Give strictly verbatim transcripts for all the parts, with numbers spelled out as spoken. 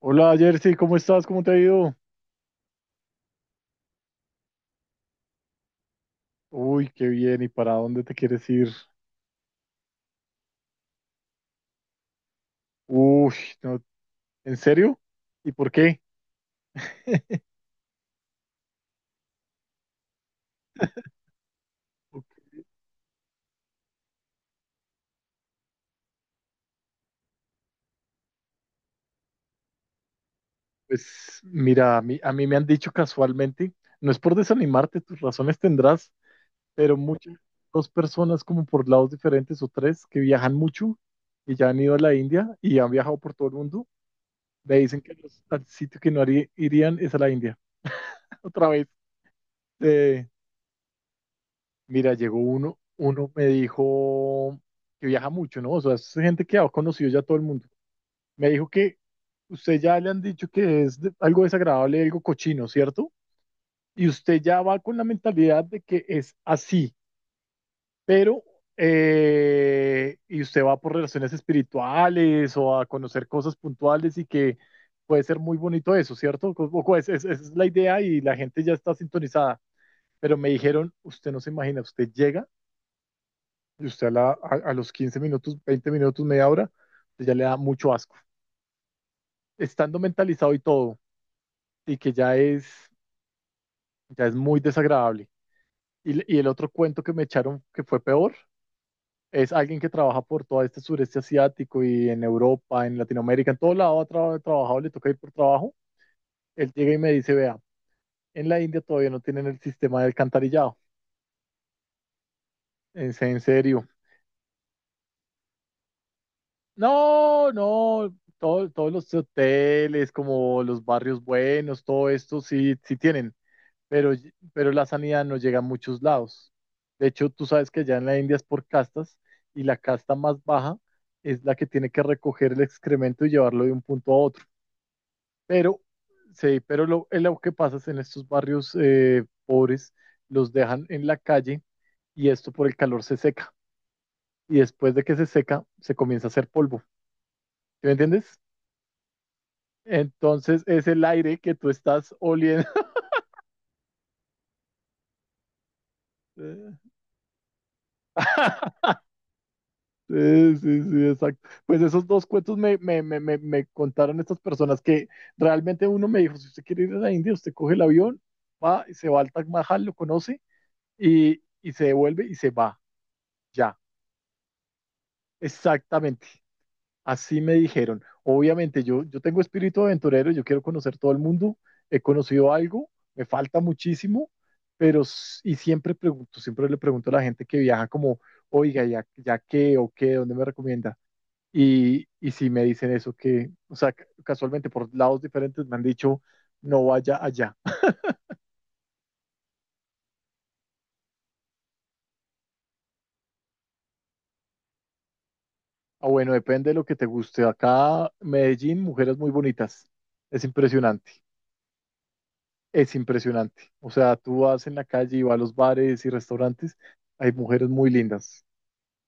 Hola Jersey, ¿cómo estás? ¿Cómo te ha ido? Uy, qué bien. ¿Y para dónde te quieres ir? Uy, no, ¿en serio? ¿Y por qué? Ok. Pues mira, a mí, a mí me han dicho casualmente, no es por desanimarte, tus razones tendrás, pero muchas, dos personas como por lados diferentes o tres que viajan mucho y ya han ido a la India y han viajado por todo el mundo, me dicen que los- al sitio que no haría- irían es a la India. Otra vez. eh, Mira, llegó uno, uno me dijo que viaja mucho, ¿no? O sea, es gente que ha conocido ya todo el mundo. Me dijo que usted ya le han dicho que es de- algo desagradable, algo cochino, ¿cierto? Y usted ya va con la mentalidad de que es así, pero, eh, y usted va por relaciones espirituales o a conocer cosas puntuales y que puede ser muy bonito eso, ¿cierto? Co- co- es- es- Esa es la idea y la gente ya está sintonizada. Pero me dijeron, usted no se imagina, usted llega. Y usted a, la- a- a los quince minutos, veinte minutos, media hora, pues ya le da mucho asco. Estando mentalizado y todo, y que ya es, ya es muy desagradable. Y, l- y el otro cuento que me echaron que fue peor, es alguien que trabaja por todo este sureste asiático y en Europa, en Latinoamérica, en todo lado ha tra- trabajado, le toca ir por trabajo. Él llega y me dice, vea, en la India todavía no tienen el sistema de alcantarillado. En en serio. No, no, todo- todos los hoteles, como los barrios buenos, todo esto sí, sí tienen, pero, ll- pero la sanidad no llega a muchos lados. De hecho, tú sabes que allá en la India es por castas y la casta más baja es la que tiene que recoger el excremento y llevarlo de un punto a otro. Pero, sí, pero lo, eh, lo que pasa es en estos barrios eh, pobres, los dejan en la calle y esto por el calor se seca. Y después de que se seca, se comienza a hacer polvo. ¿Sí me entiendes? Entonces es el aire que tú estás oliendo. Sí, sí, sí, exacto. Pues esos dos cuentos me, me, me, me, me contaron estas personas que realmente uno me dijo, si usted quiere ir a la India, usted coge el avión, va y se va al Taj Mahal, lo conoce y, y se devuelve y se va. Ya, exactamente. Así me dijeron. Obviamente, yo, yo tengo espíritu aventurero, yo quiero conocer todo el mundo, he conocido algo, me falta muchísimo, pero s- y siempre pregunto, siempre le pregunto a la gente que viaja como, oiga, ¿ya, ya qué o qué, dónde me recomienda? Y, y si me dicen eso, que, o sea, ca- casualmente por lados diferentes me han dicho, no vaya allá. Ah, bueno, depende de lo que te guste. Acá, Medellín, mujeres muy bonitas. Es impresionante, es impresionante. O sea, tú vas en la calle y vas a los bares y restaurantes, hay mujeres muy lindas.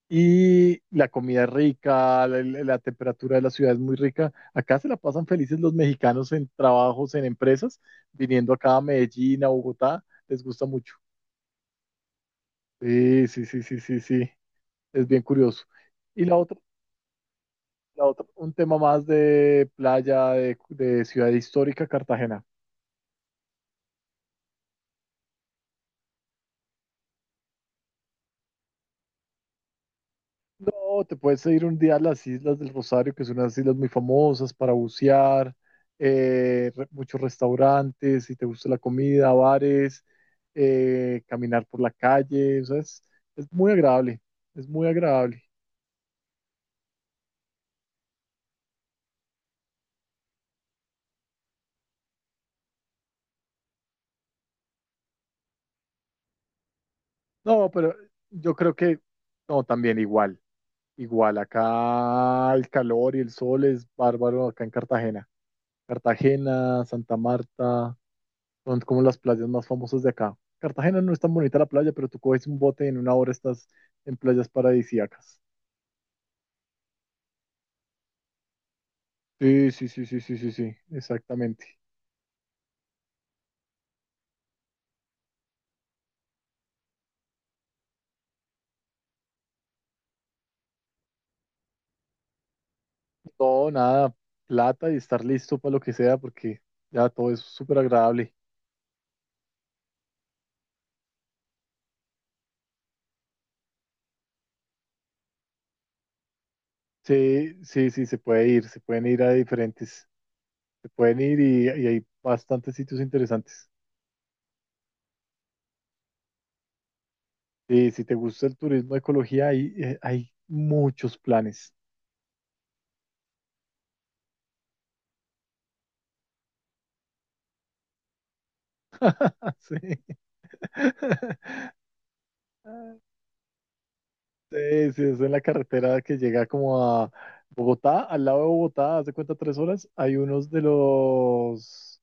Y la comida es rica, la, la- la temperatura de la ciudad es muy rica. Acá se la pasan felices los mexicanos en trabajos, en empresas, viniendo acá a Medellín, a Bogotá, les gusta mucho. Sí, sí, sí, sí, sí, sí, es bien curioso. Y la otra, la otra, un tema más de playa, de, de ciudad histórica, Cartagena. No, te puedes ir un día a las Islas del Rosario, que son unas islas muy famosas para bucear, eh, re- muchos restaurantes, si te gusta la comida, bares, eh, caminar por la calle, o sea, es, es muy agradable, es muy agradable. No, pero yo creo que, no, también igual, igual, acá el calor y el sol es bárbaro acá en Cartagena. Cartagena, Santa Marta, son como las playas más famosas de acá. Cartagena no es tan bonita la playa, pero tú coges un bote y en una hora estás en playas paradisíacas. Sí, sí, sí, sí, sí, sí, sí, exactamente. No, nada, plata y estar listo para lo que sea, porque ya todo es súper agradable. Sí, sí, sí, se puede ir, se pueden ir a diferentes, se pueden ir y, y hay bastantes sitios interesantes. Sí, si te gusta el turismo, ecología, hay, eh, hay muchos planes. Sí. Sí, sí, es en la carretera que llega como a Bogotá, al lado de Bogotá, hace cuenta tres horas, hay unos de los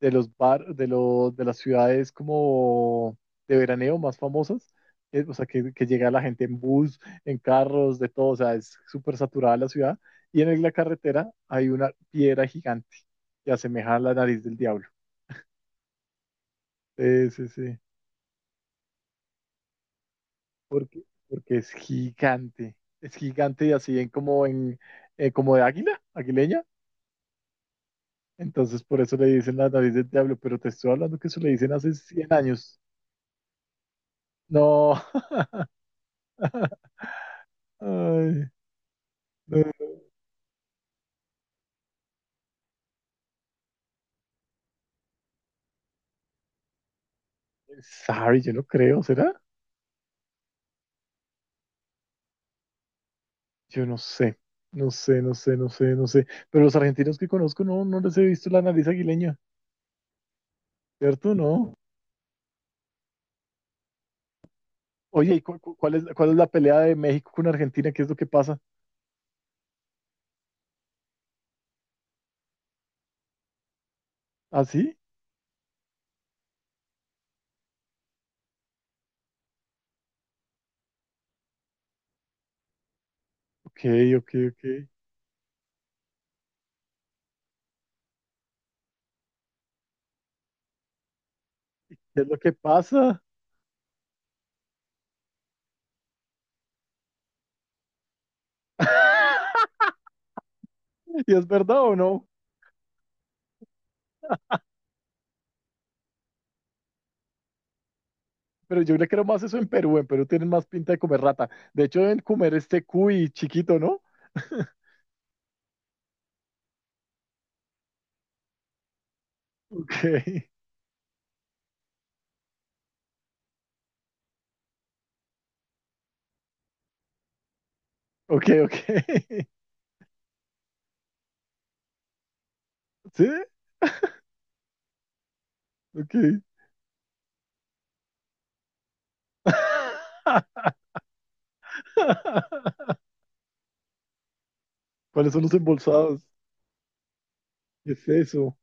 de los bar, de los de las ciudades como de veraneo más famosas, eh, o sea que, que llega la gente en bus, en carros, de todo, o sea, es súper saturada la ciudad, y en la carretera hay una piedra gigante que asemeja a la nariz del diablo. Sí, sí, sí. Porque, porque es gigante. Es gigante y así en como en eh, como de águila, aguileña. Entonces, por eso le dicen la nariz del diablo, pero te estoy hablando que eso le dicen hace cien años. No. Ay, no. Sorry, yo no creo, ¿será? Yo no sé. No sé, no sé, no sé, no sé. Pero los argentinos que conozco no, no les he visto la nariz aguileña, ¿cierto? No. Oye, ¿y cu- cu- cuál es, cuál es la pelea de México con Argentina? ¿Qué es lo que pasa? ¿Ah, sí? Ok, ok, ok. ¿Qué es lo que pasa? ¿Y es verdad o no? Pero yo le creo más eso en Perú. En Perú tienen más pinta de comer rata. De hecho, deben comer este cuy chiquito, ¿no? Ok, ok, ok. ¿Sí? Ok. ¿Cuáles son los embolsados? ¿Qué es eso?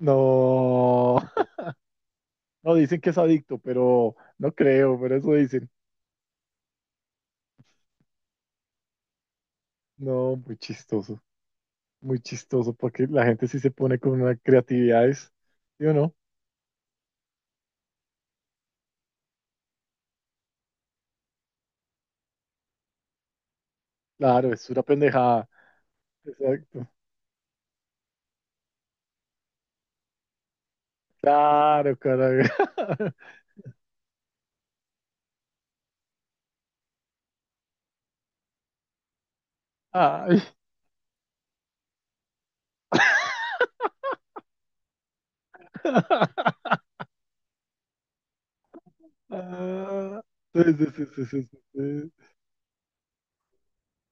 No. No, dicen que es adicto, pero no creo, pero eso dicen. No, muy chistoso. Muy chistoso, porque la gente sí se pone con unas creatividades. ¿Sí o no? Claro, es una pendejada. Exacto. Claro, carajo. Ay. Ah, sí, sí, sí, sí, sí,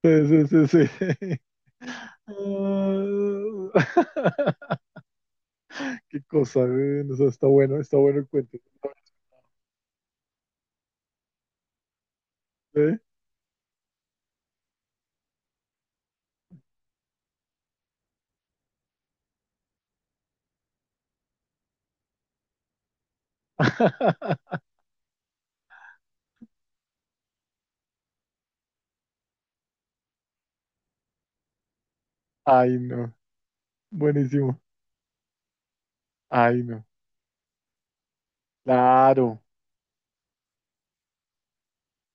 sí, sí, sí, sí, sí. Ah. Qué cosa, güey. O sea, está bueno, está bueno el cuento. ¿Eh? Ay, no. Buenísimo. Ay, no. Claro.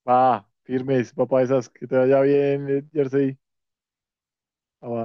Va, firmes, papá, esas. Que te vaya bien, eh, Jersey. Va.